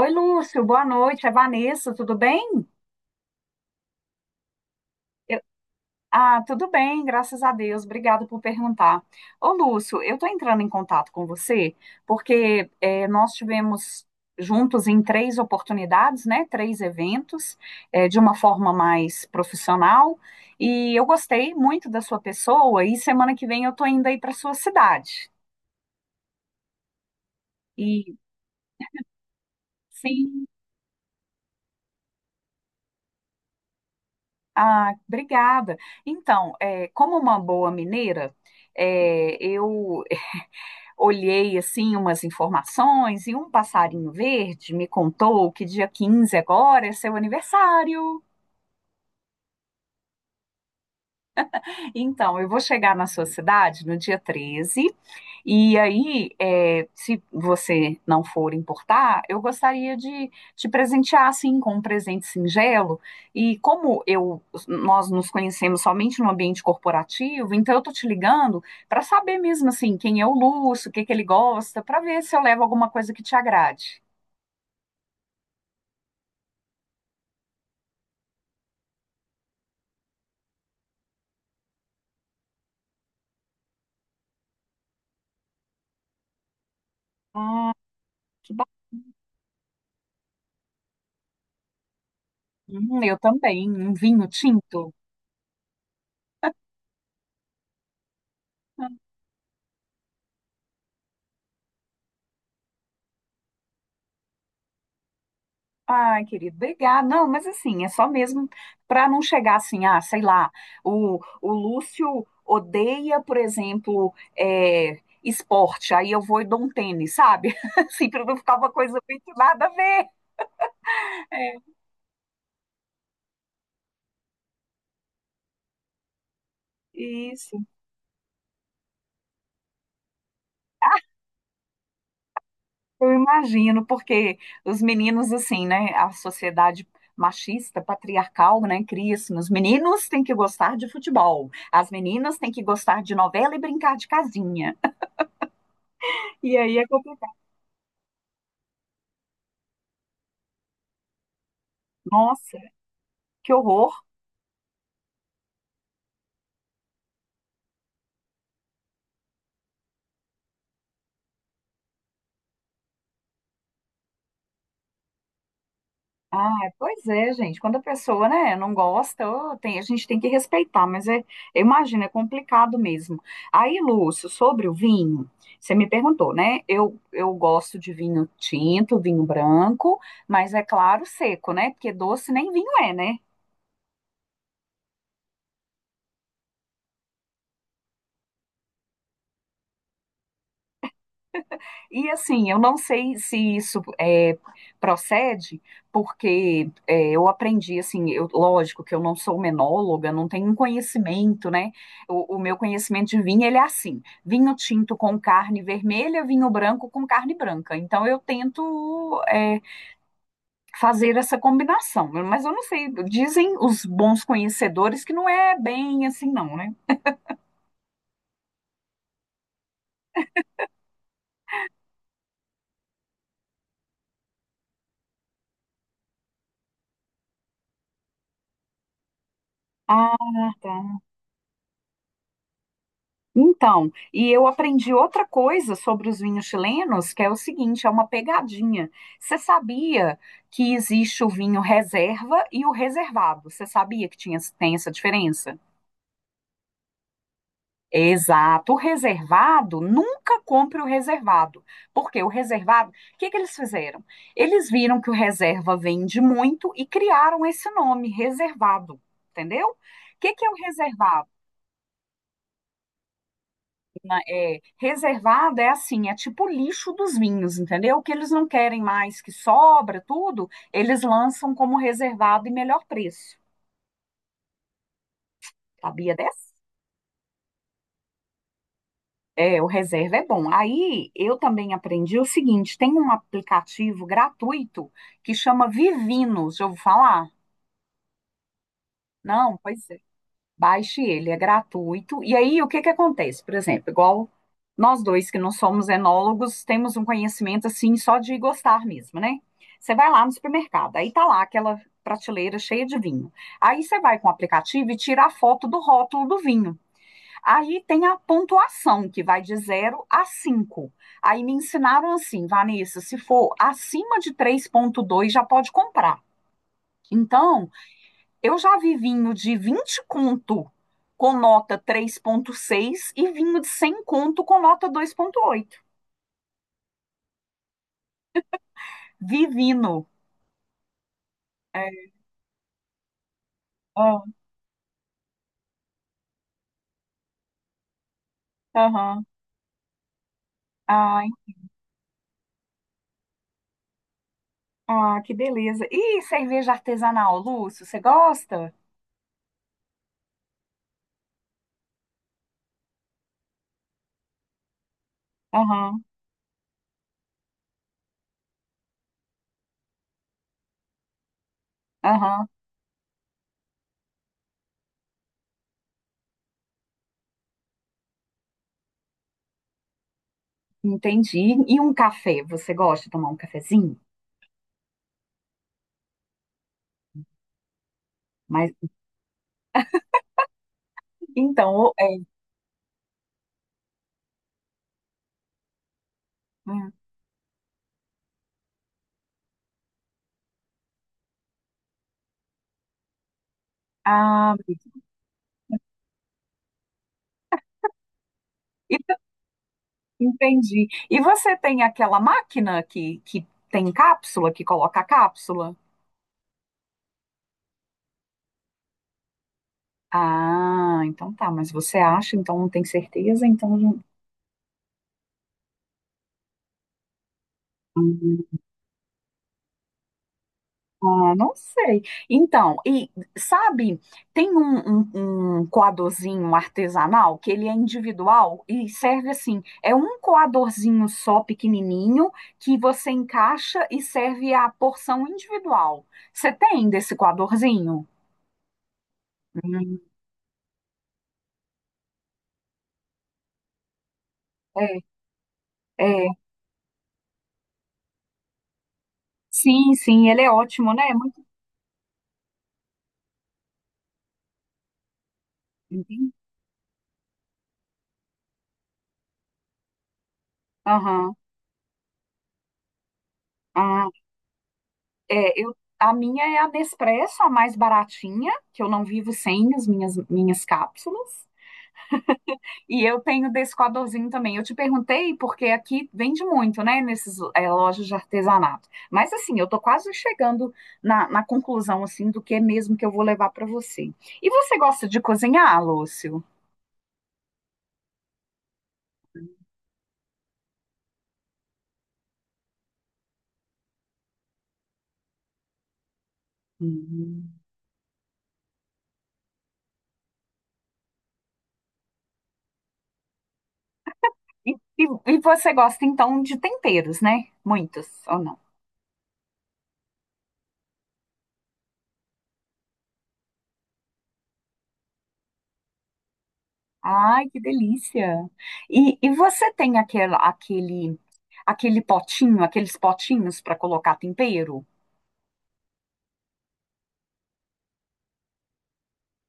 Oi, Lúcio, boa noite. É Vanessa, tudo bem? Eu- Ah, tudo bem, graças a Deus. Obrigada por perguntar. Ô, Lúcio, eu estou entrando em contato com você porque nós tivemos juntos em três oportunidades, né? Três eventos, de uma forma mais profissional. E eu gostei muito da sua pessoa. E semana que vem eu estou indo aí para sua cidade. E sim, ah, obrigada. Então, como uma boa mineira, eu olhei assim umas informações e um passarinho verde me contou que dia 15 agora é seu aniversário. Então, eu vou chegar na sua cidade no dia 13 e aí, se você não for importar, eu gostaria de te presentear assim com um presente singelo. E como eu nós nos conhecemos somente no ambiente corporativo, então eu tô te ligando para saber mesmo assim quem é o Lúcio, o que que ele gosta, para ver se eu levo alguma coisa que te agrade. Ah, que bom. Eu também, um vinho tinto. Ai, querido, obrigada. Não, mas assim, é só mesmo para não chegar assim, ah, sei lá, o Lúcio odeia, por exemplo, esporte, aí eu vou e dou um tênis, sabe? Assim, para não ficar uma coisa muito nada a ver. É, isso. Eu imagino, porque os meninos, assim, né? A sociedade machista, patriarcal, né? Cria assim, os meninos têm que gostar de futebol, as meninas têm que gostar de novela e brincar de casinha. E aí é complicado. Nossa, que horror! Ah, pois é, gente. Quando a pessoa, né, não gosta, ô, a gente tem que respeitar, mas eu imagino, é complicado mesmo. Aí, Lúcio, sobre o vinho, você me perguntou, né? Eu gosto de vinho tinto, vinho branco, mas é claro, seco, né? Porque doce nem vinho é, né? E assim, eu não sei se isso procede, porque eu aprendi, assim, lógico que eu não sou menóloga, não tenho um conhecimento, né? O meu conhecimento de vinho, ele é assim, vinho tinto com carne vermelha, vinho branco com carne branca. Então, eu tento fazer essa combinação, mas eu não sei, dizem os bons conhecedores que não é bem assim, não, né? Ah, tá. Então, e eu aprendi outra coisa sobre os vinhos chilenos, que é o seguinte, é uma pegadinha. Você sabia que existe o vinho reserva e o reservado? Você sabia que tinha, tem essa diferença? Exato. O reservado, nunca compre o reservado. Porque o reservado, o que que eles fizeram? Eles viram que o reserva vende muito e criaram esse nome, reservado, entendeu? O que que é o reservado? Reservada é assim, é tipo o lixo dos vinhos, entendeu? O que eles não querem mais, que sobra tudo, eles lançam como reservado e melhor preço. Sabia dessa? É, o reserva é bom. Aí eu também aprendi o seguinte: tem um aplicativo gratuito que chama Vivinos, já ouviu falar? Não, pois baixe ele, é gratuito. E aí, o que que acontece? Por exemplo, igual nós dois que não somos enólogos, temos um conhecimento assim só de gostar mesmo, né? Você vai lá no supermercado, aí tá lá aquela prateleira cheia de vinho. Aí você vai com o aplicativo e tira a foto do rótulo do vinho. Aí tem a pontuação, que vai de zero a cinco. Aí me ensinaram assim, Vanessa, se for acima de 3,2 já pode comprar. Então, eu já vi vinho de 20 conto com nota 3,6 e vinho de 100 conto com nota 2,8. Vivino. É, ah, aham. Ai, ah, que beleza. E cerveja artesanal, Lúcio, você gosta? Aham, aham. Entendi. E um café, você gosta de tomar um cafezinho? Mas então, hum, ah, entendi. E você tem aquela máquina que tem cápsula, que coloca a cápsula? Ah, então tá, mas você acha, então não tem certeza, então Hum, ah, não sei. Então, e sabe, tem um coadorzinho artesanal que ele é individual e serve assim, é um coadorzinho só pequenininho que você encaixa e serve a porção individual. Você tem desse coadorzinho? Hum, é, é. Sim, sim, ele é ótimo, né? Muito. Uhum. Aham. Ah. É, a minha é a Nespresso, a mais baratinha, que eu não vivo sem as minhas cápsulas. E eu tenho desse coadorzinho também. Eu te perguntei porque aqui vende muito, né, nesses lojas de artesanato. Mas assim, eu tô quase chegando na conclusão assim do que é mesmo que eu vou levar para você. E você gosta de cozinhar, Lúcio? Hum. E, e, e você gosta então de temperos, né? Muitos ou não? Ai, que delícia! E você tem aquela, aquele, aquele potinho, aqueles potinhos para colocar tempero?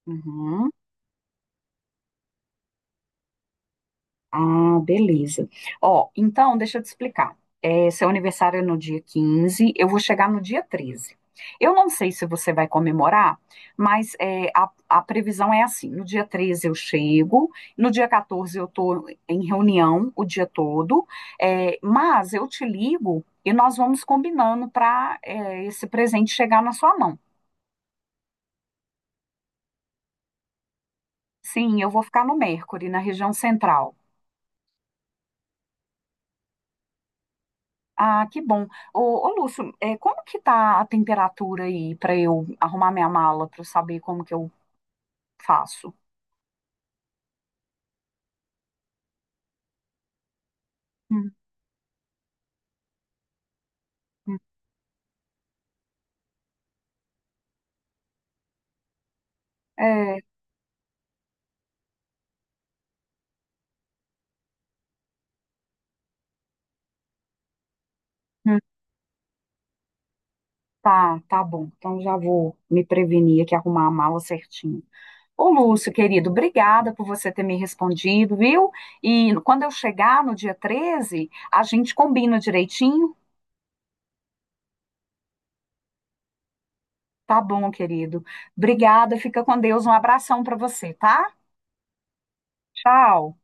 Uhum. Ah, beleza. Ó, então, deixa eu te explicar. Seu aniversário é no dia 15, eu vou chegar no dia 13. Eu não sei se você vai comemorar, mas a previsão é assim: no dia 13 eu chego, no dia 14 eu estou em reunião o dia todo, mas eu te ligo e nós vamos combinando para esse presente chegar na sua mão. Sim, eu vou ficar no Mercury, na região central. Ah, que bom. Ô, ô, Lúcio, como que tá a temperatura aí para eu arrumar minha mala para saber como que eu faço? Hum, hum. É, hum, tá, tá bom. Então já vou me prevenir aqui, arrumar a mala certinho. Ô, Lúcio, querido, obrigada por você ter me respondido, viu? E quando eu chegar no dia 13 a gente combina direitinho? Tá bom, querido. Obrigada, fica com Deus. Um abração para você, tá? Tchau.